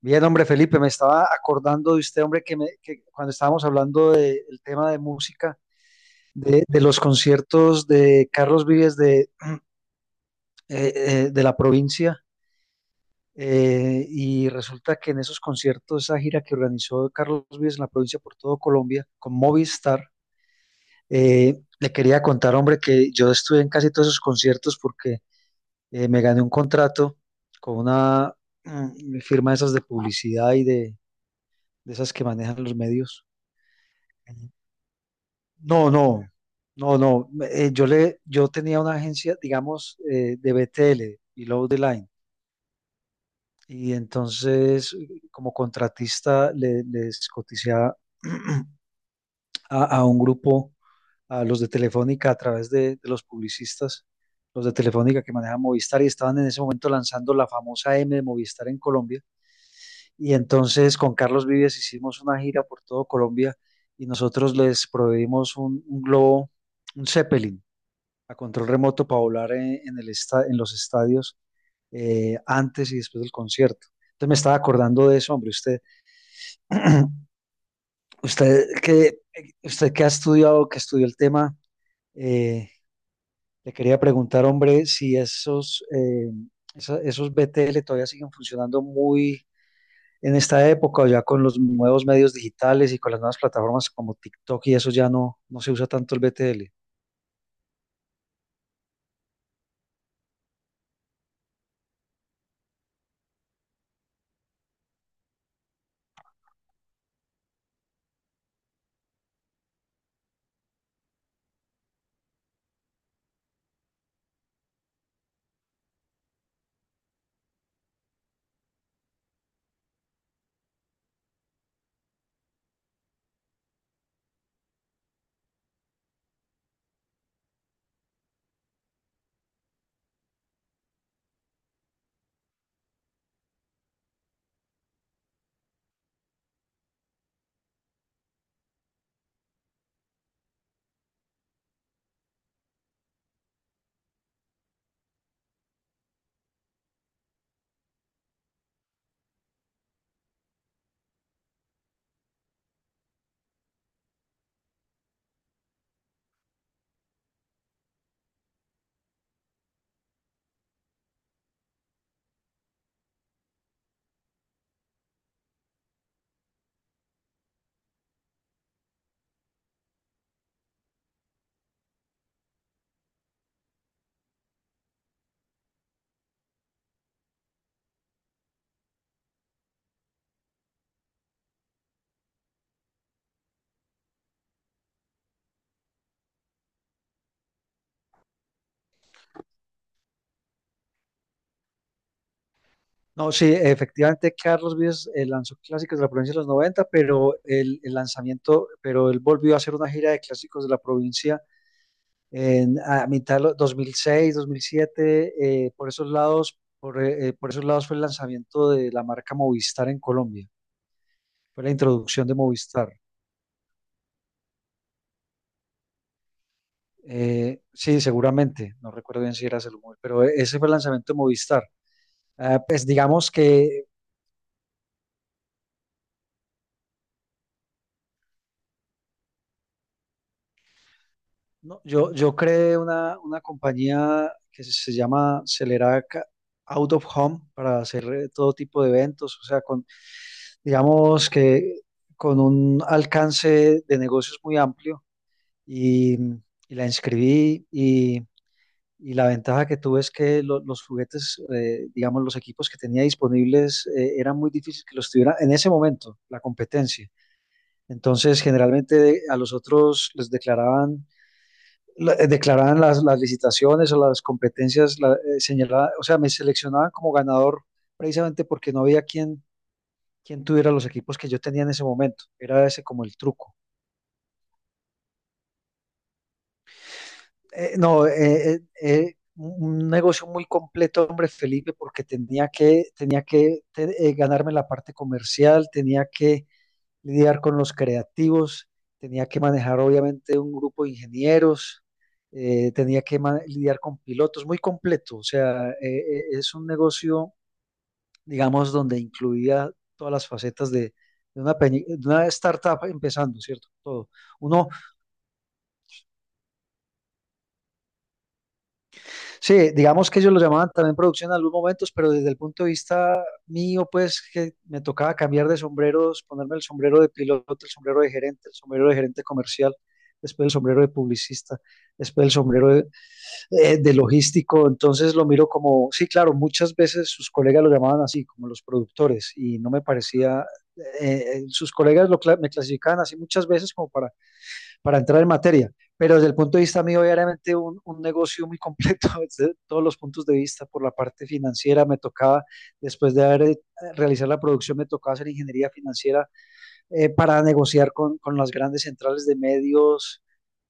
Bien, hombre, Felipe, me estaba acordando de usted, hombre, que cuando estábamos hablando del tema de música, de los conciertos de Carlos Vives de la provincia, y resulta que en esos conciertos, esa gira que organizó Carlos Vives en la provincia por todo Colombia con Movistar, le quería contar, hombre, que yo estuve en casi todos esos conciertos porque me gané un contrato con una, firma de esas de publicidad y de esas que manejan los medios. No, no, no, no. Yo tenía una agencia, digamos, de BTL, Below the Line, y entonces como contratista les coticé a, a un grupo, a los de Telefónica a través de los publicistas, los de Telefónica que manejan Movistar y estaban en ese momento lanzando la famosa M de Movistar en Colombia. Y entonces con Carlos Vives hicimos una gira por todo Colombia y nosotros les proveímos un globo, un Zeppelin a control remoto para volar en los estadios, antes y después del concierto. Entonces me estaba acordando de eso, hombre. Usted que, usted que ha estudiado, que estudió el tema, eh, le quería preguntar, hombre, si esos BTL todavía siguen funcionando muy en esta época, o ya con los nuevos medios digitales y con las nuevas plataformas como TikTok y eso ya no se usa tanto el BTL. No, sí, efectivamente Carlos Vives lanzó clásicos de la provincia de los 90, pero pero él volvió a hacer una gira de clásicos de la provincia, a mitad de los 2006, 2007, por esos lados, por esos lados fue el lanzamiento de la marca Movistar en Colombia, fue la introducción de Movistar. Sí, seguramente, no recuerdo bien si era Salomón, pero ese fue el lanzamiento de Movistar. Ah, pues digamos que. No, yo creé una compañía que se llama Celerac Out of Home, para hacer todo tipo de eventos, o sea, digamos que con un alcance de negocios muy amplio, y, y la inscribí, y la ventaja que tuve es que los juguetes, digamos, los equipos que tenía disponibles, era muy difícil que los tuviera en ese momento, la competencia. Entonces, generalmente a los otros les declaraban declaraban las licitaciones o las competencias señaladas, o sea, me seleccionaban como ganador precisamente porque no había quien tuviera los equipos que yo tenía en ese momento. Era ese como el truco. No, un negocio muy completo, hombre Felipe, porque ganarme la parte comercial, tenía que lidiar con los creativos, tenía que manejar obviamente un grupo de ingenieros, tenía que lidiar con pilotos, muy completo. O sea, es un negocio, digamos, donde incluía todas las facetas de una startup empezando, ¿cierto? Todo. Uno Sí, digamos que ellos lo llamaban también producción en algunos momentos, pero desde el punto de vista mío, pues que me tocaba cambiar de sombreros, ponerme el sombrero de piloto, el sombrero de gerente, el sombrero de gerente comercial, después el sombrero de publicista, después el sombrero de logístico. Entonces lo miro como, sí, claro, muchas veces sus colegas lo llamaban así, como los productores, y no me parecía, sus colegas me clasificaban así muchas veces como para entrar en materia, pero desde el punto de vista mío, obviamente un negocio muy completo desde todos los puntos de vista, por la parte financiera me tocaba, después de haber realizado la producción, me tocaba hacer ingeniería financiera para negociar con las grandes centrales de medios.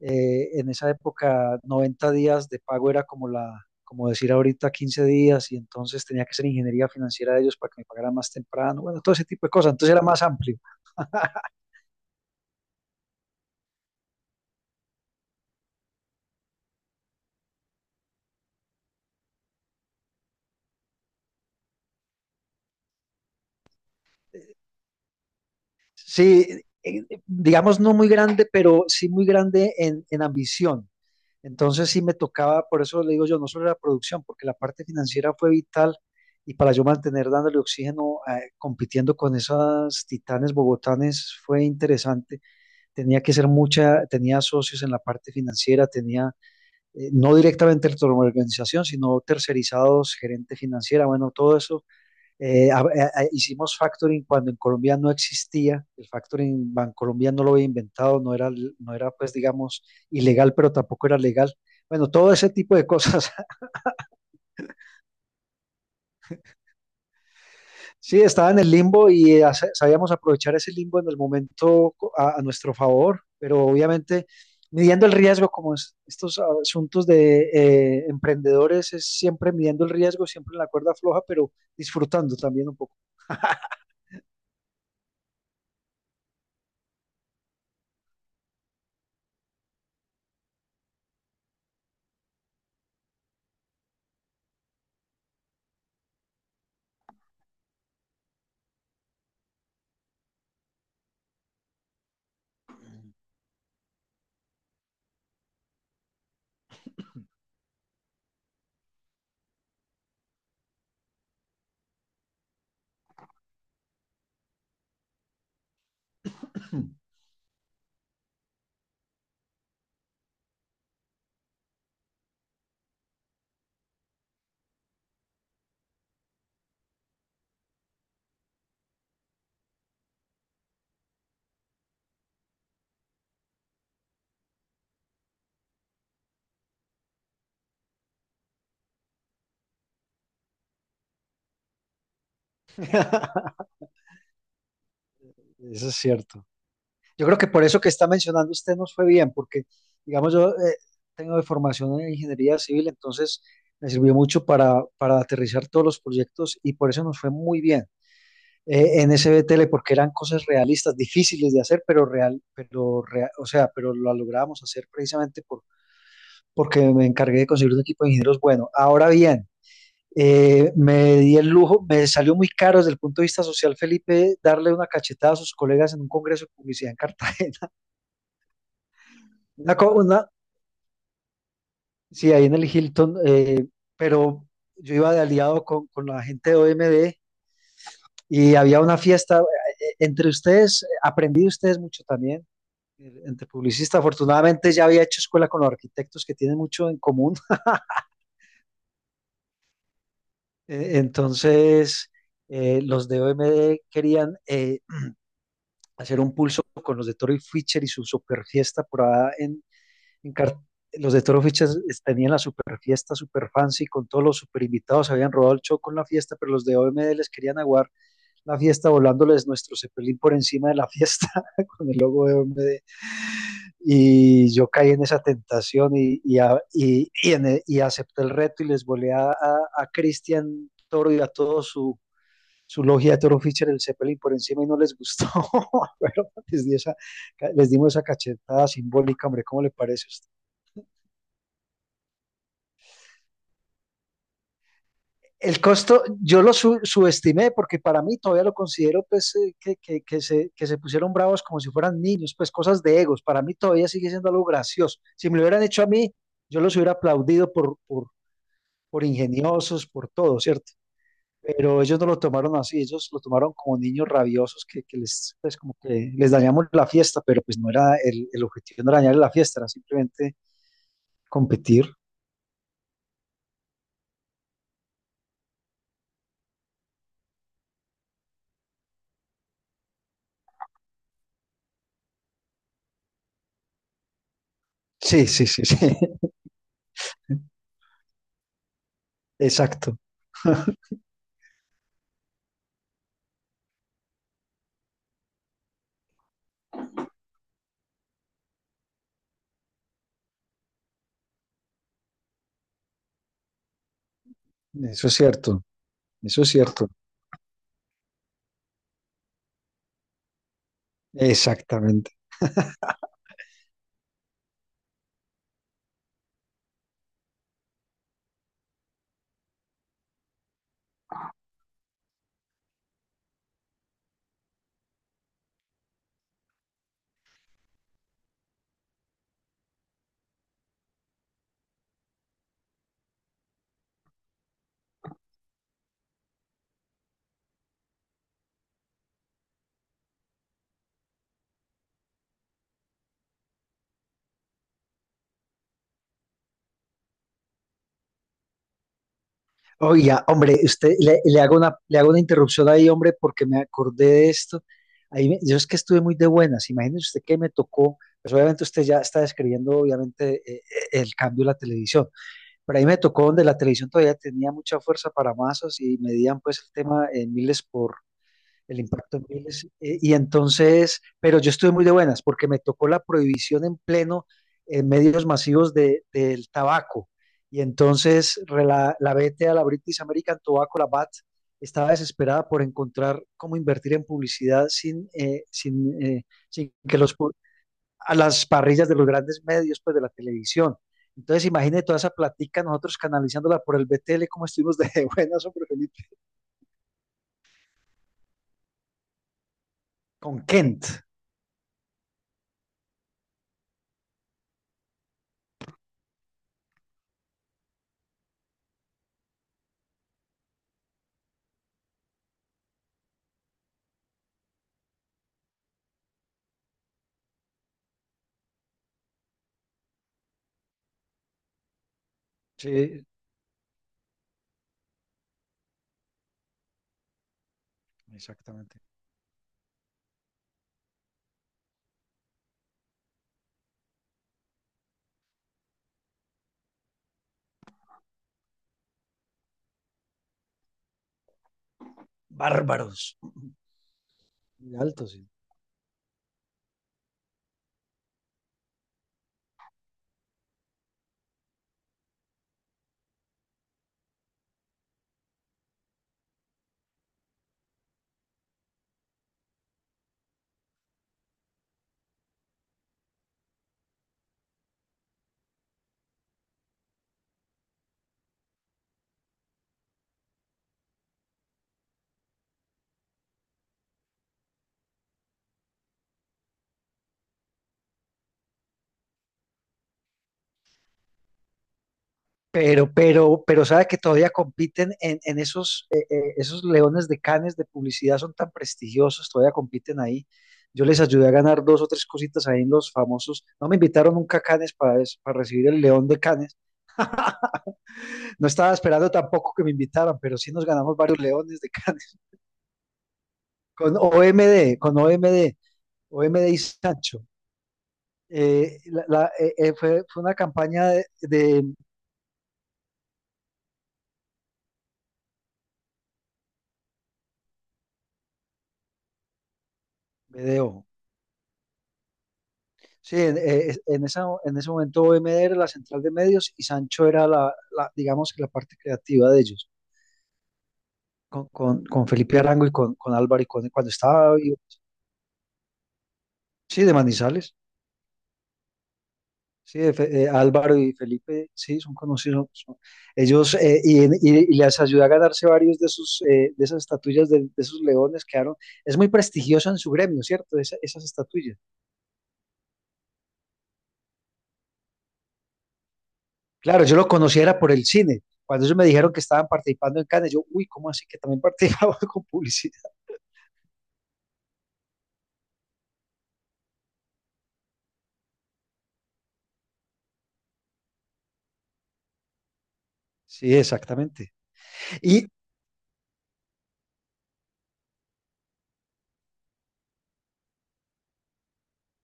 En esa época, 90 días de pago era como como decir ahorita 15 días, y entonces tenía que hacer ingeniería financiera de ellos para que me pagaran más temprano, bueno, todo ese tipo de cosas, entonces era más amplio. Sí, digamos no muy grande, pero sí muy grande en ambición. Entonces sí me tocaba, por eso le digo yo, no solo la producción, porque la parte financiera fue vital, y para yo mantener dándole oxígeno, compitiendo con esas titanes bogotanes fue interesante. Tenía que ser mucha, tenía socios en la parte financiera, tenía no directamente la organización, sino tercerizados, gerente financiera, bueno, todo eso. eh, a- a- Hicimos factoring cuando en Colombia no existía, el factoring Bancolombia no lo había inventado, no era pues digamos ilegal, pero tampoco era legal. Bueno, todo ese tipo de cosas. Sí, estaba en el limbo, y sabíamos aprovechar ese limbo en el momento, a nuestro favor, pero obviamente midiendo el riesgo, como estos asuntos de emprendedores, es siempre midiendo el riesgo, siempre en la cuerda floja, pero disfrutando también un poco. Eso es cierto. Yo creo que por eso que está mencionando usted nos fue bien, porque, digamos, yo tengo de formación en ingeniería civil, entonces me sirvió mucho para, aterrizar todos los proyectos, y por eso nos fue muy bien en SBTL, porque eran cosas realistas, difíciles de hacer, o sea, pero lo logramos hacer precisamente, porque me encargué de conseguir un equipo de ingenieros bueno. Ahora bien, me di el lujo, me salió muy caro desde el punto de vista social, Felipe, darle una cachetada a sus colegas en un congreso de publicidad en Cartagena. Una, co- una- Sí, ahí en el Hilton, pero yo iba de aliado con la gente de OMD, y había una fiesta, entre ustedes, aprendí de ustedes mucho también, entre publicistas, afortunadamente ya había hecho escuela con los arquitectos que tienen mucho en común. Entonces, los de OMD querían, hacer un pulso con los de Torrey Fisher y su super fiesta por allá. En Car- los de Toro Fichas, tenían la super fiesta, super fancy, con todos los super invitados, habían robado el show con la fiesta, pero los de OMD les querían aguar la fiesta volándoles nuestro Zeppelin por encima de la fiesta con el logo de OMD. Y yo caí en esa tentación, y acepté el reto, y les volé a Cristian Toro y a todo su logia de Toro Fischer el Zeppelin por encima, y no les gustó. Pero les dimos esa cachetada simbólica, hombre, ¿cómo le parece a usted? El costo, yo lo subestimé porque para mí todavía lo considero pues, que se pusieron bravos como si fueran niños, pues cosas de egos. Para mí todavía sigue siendo algo gracioso. Si me lo hubieran hecho a mí, yo los hubiera aplaudido por ingeniosos, por todo, ¿cierto? Pero ellos no lo tomaron así, ellos lo tomaron como niños rabiosos, pues como que les dañamos la fiesta, pero pues no era el objetivo, no era dañarle la fiesta, era simplemente competir. Sí, sí, sí, sí, exacto, eso es cierto, eso es cierto. Exactamente. Oiga, hombre, usted le hago una interrupción ahí, hombre, porque me acordé de esto. Ahí yo es que estuve muy de buenas. Imagínese usted que me tocó. Pues obviamente usted ya está describiendo, obviamente, el cambio de la televisión. Pero ahí me tocó donde la televisión todavía tenía mucha fuerza para masas, y medían pues el tema en miles, por el impacto en miles. Y entonces, pero yo estuve muy de buenas porque me tocó la prohibición en pleno, en medios masivos, del tabaco. Y entonces, la BTA, la British American Tobacco, la BAT, estaba desesperada por encontrar cómo invertir en publicidad, sin a las parrillas de los grandes medios, pues de la televisión. Entonces, imagine toda esa platica nosotros canalizándola por el BTL, como estuvimos de buenas, sobre Felipe, con Kent. Sí, exactamente. Bárbaros. Muy alto, sí. Pero sabe que todavía compiten en esos leones de Cannes de publicidad, son tan prestigiosos, todavía compiten ahí. Yo les ayudé a ganar dos o tres cositas ahí en los famosos. No me invitaron nunca a Cannes, para recibir el león de Cannes. No estaba esperando tampoco que me invitaran, pero sí nos ganamos varios leones de Cannes. Con OMD y Sancho. Una campaña de, BDO. Sí, en, es- en esa, en ese momento OMD era la central de medios y Sancho era digamos que la parte creativa de ellos, con Felipe Arango y con Álvaro y con, cuando estaba, vivo. Sí, de Manizales. Álvaro y Felipe, sí, son conocidos, son. Ellos, y, en- y- Y les ayudó a ganarse varios de sus, de esas estatuillas, de esos leones, quedaron, es muy prestigioso en su gremio, ¿cierto? Esas estatuillas. Claro, yo lo conocía era por el cine. Cuando ellos me dijeron que estaban participando en Cannes, yo, uy, ¿cómo así que también participaba con publicidad? Sí, exactamente. Y,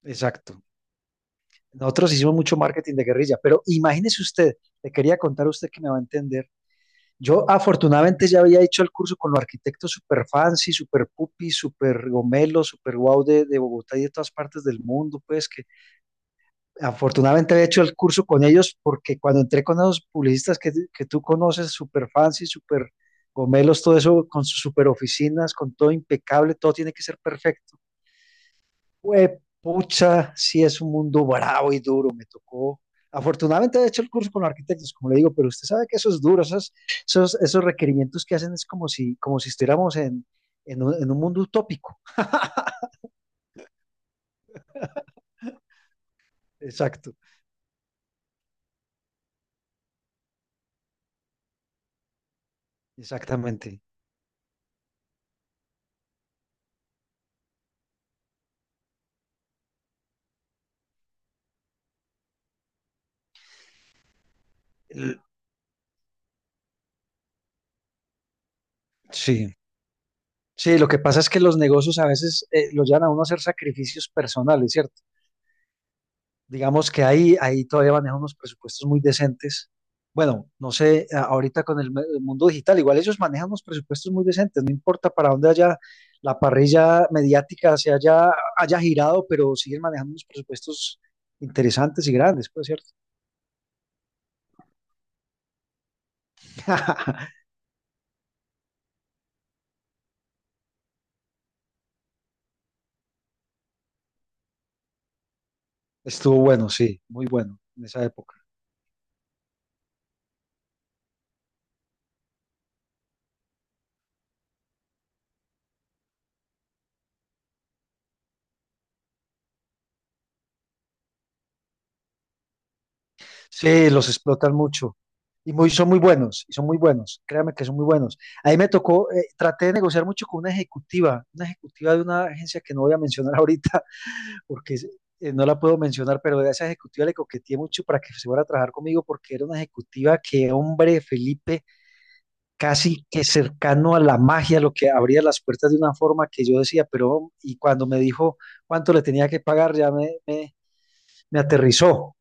exacto. Nosotros hicimos mucho marketing de guerrilla, pero imagínese usted, le quería contar a usted que me va a entender. Yo afortunadamente ya había hecho el curso con los arquitectos super fancy, super pupi, super gomelo, super guau de Bogotá y de todas partes del mundo, pues que afortunadamente había hecho el curso con ellos porque cuando entré con esos publicistas que tú conoces, super fancy, super gomelos, todo eso con sus super oficinas, con todo impecable, todo tiene que ser perfecto. Pues, pucha, sí es un mundo bravo y duro, me tocó. Afortunadamente he hecho el curso con arquitectos, como le digo, pero usted sabe que eso es duro, esos requerimientos que hacen es como si estuviéramos en, en un mundo utópico. Exacto, exactamente. L- Sí, sí, lo que pasa es que los negocios a veces los llevan a uno a hacer sacrificios personales, ¿cierto? Digamos que ahí todavía manejan unos presupuestos muy decentes. Bueno, no sé, ahorita con el mundo digital, igual ellos manejan unos presupuestos muy decentes, no importa para dónde haya la parrilla mediática haya girado, pero siguen manejando unos presupuestos interesantes y grandes, pues, ¿cierto? Estuvo bueno, sí, muy bueno en esa época. Sí, los explotan mucho. Y muy, son muy buenos, y son muy buenos, créame que son muy buenos. Ahí me tocó, traté de negociar mucho con una ejecutiva de una agencia que no voy a mencionar ahorita, porque es- no la puedo mencionar, pero a esa ejecutiva le coqueteé mucho para que se fuera a trabajar conmigo, porque era una ejecutiva que, hombre, Felipe, casi que cercano a la magia, lo que abría las puertas de una forma que yo decía, pero, y cuando me dijo cuánto le tenía que pagar, ya me aterrizó.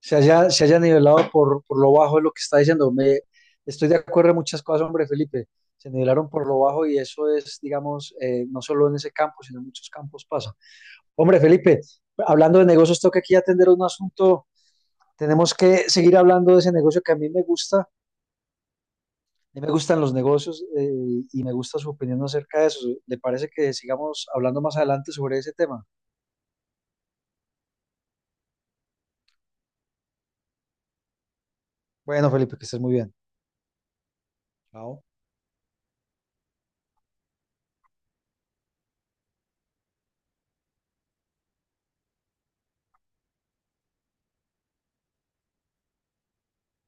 Se se haya nivelado por lo bajo de lo que está diciendo. Estoy de acuerdo en muchas cosas, hombre, Felipe. Se nivelaron por lo bajo y eso es, digamos, no solo en ese campo, sino en muchos campos pasa. Hombre, Felipe, hablando de negocios, tengo que aquí atender un asunto. Tenemos que seguir hablando de ese negocio que a mí me gusta. A mí me gustan los negocios y me gusta su opinión acerca de eso. ¿Le parece que sigamos hablando más adelante sobre ese tema? Bueno, Felipe, que estés muy bien. Chao.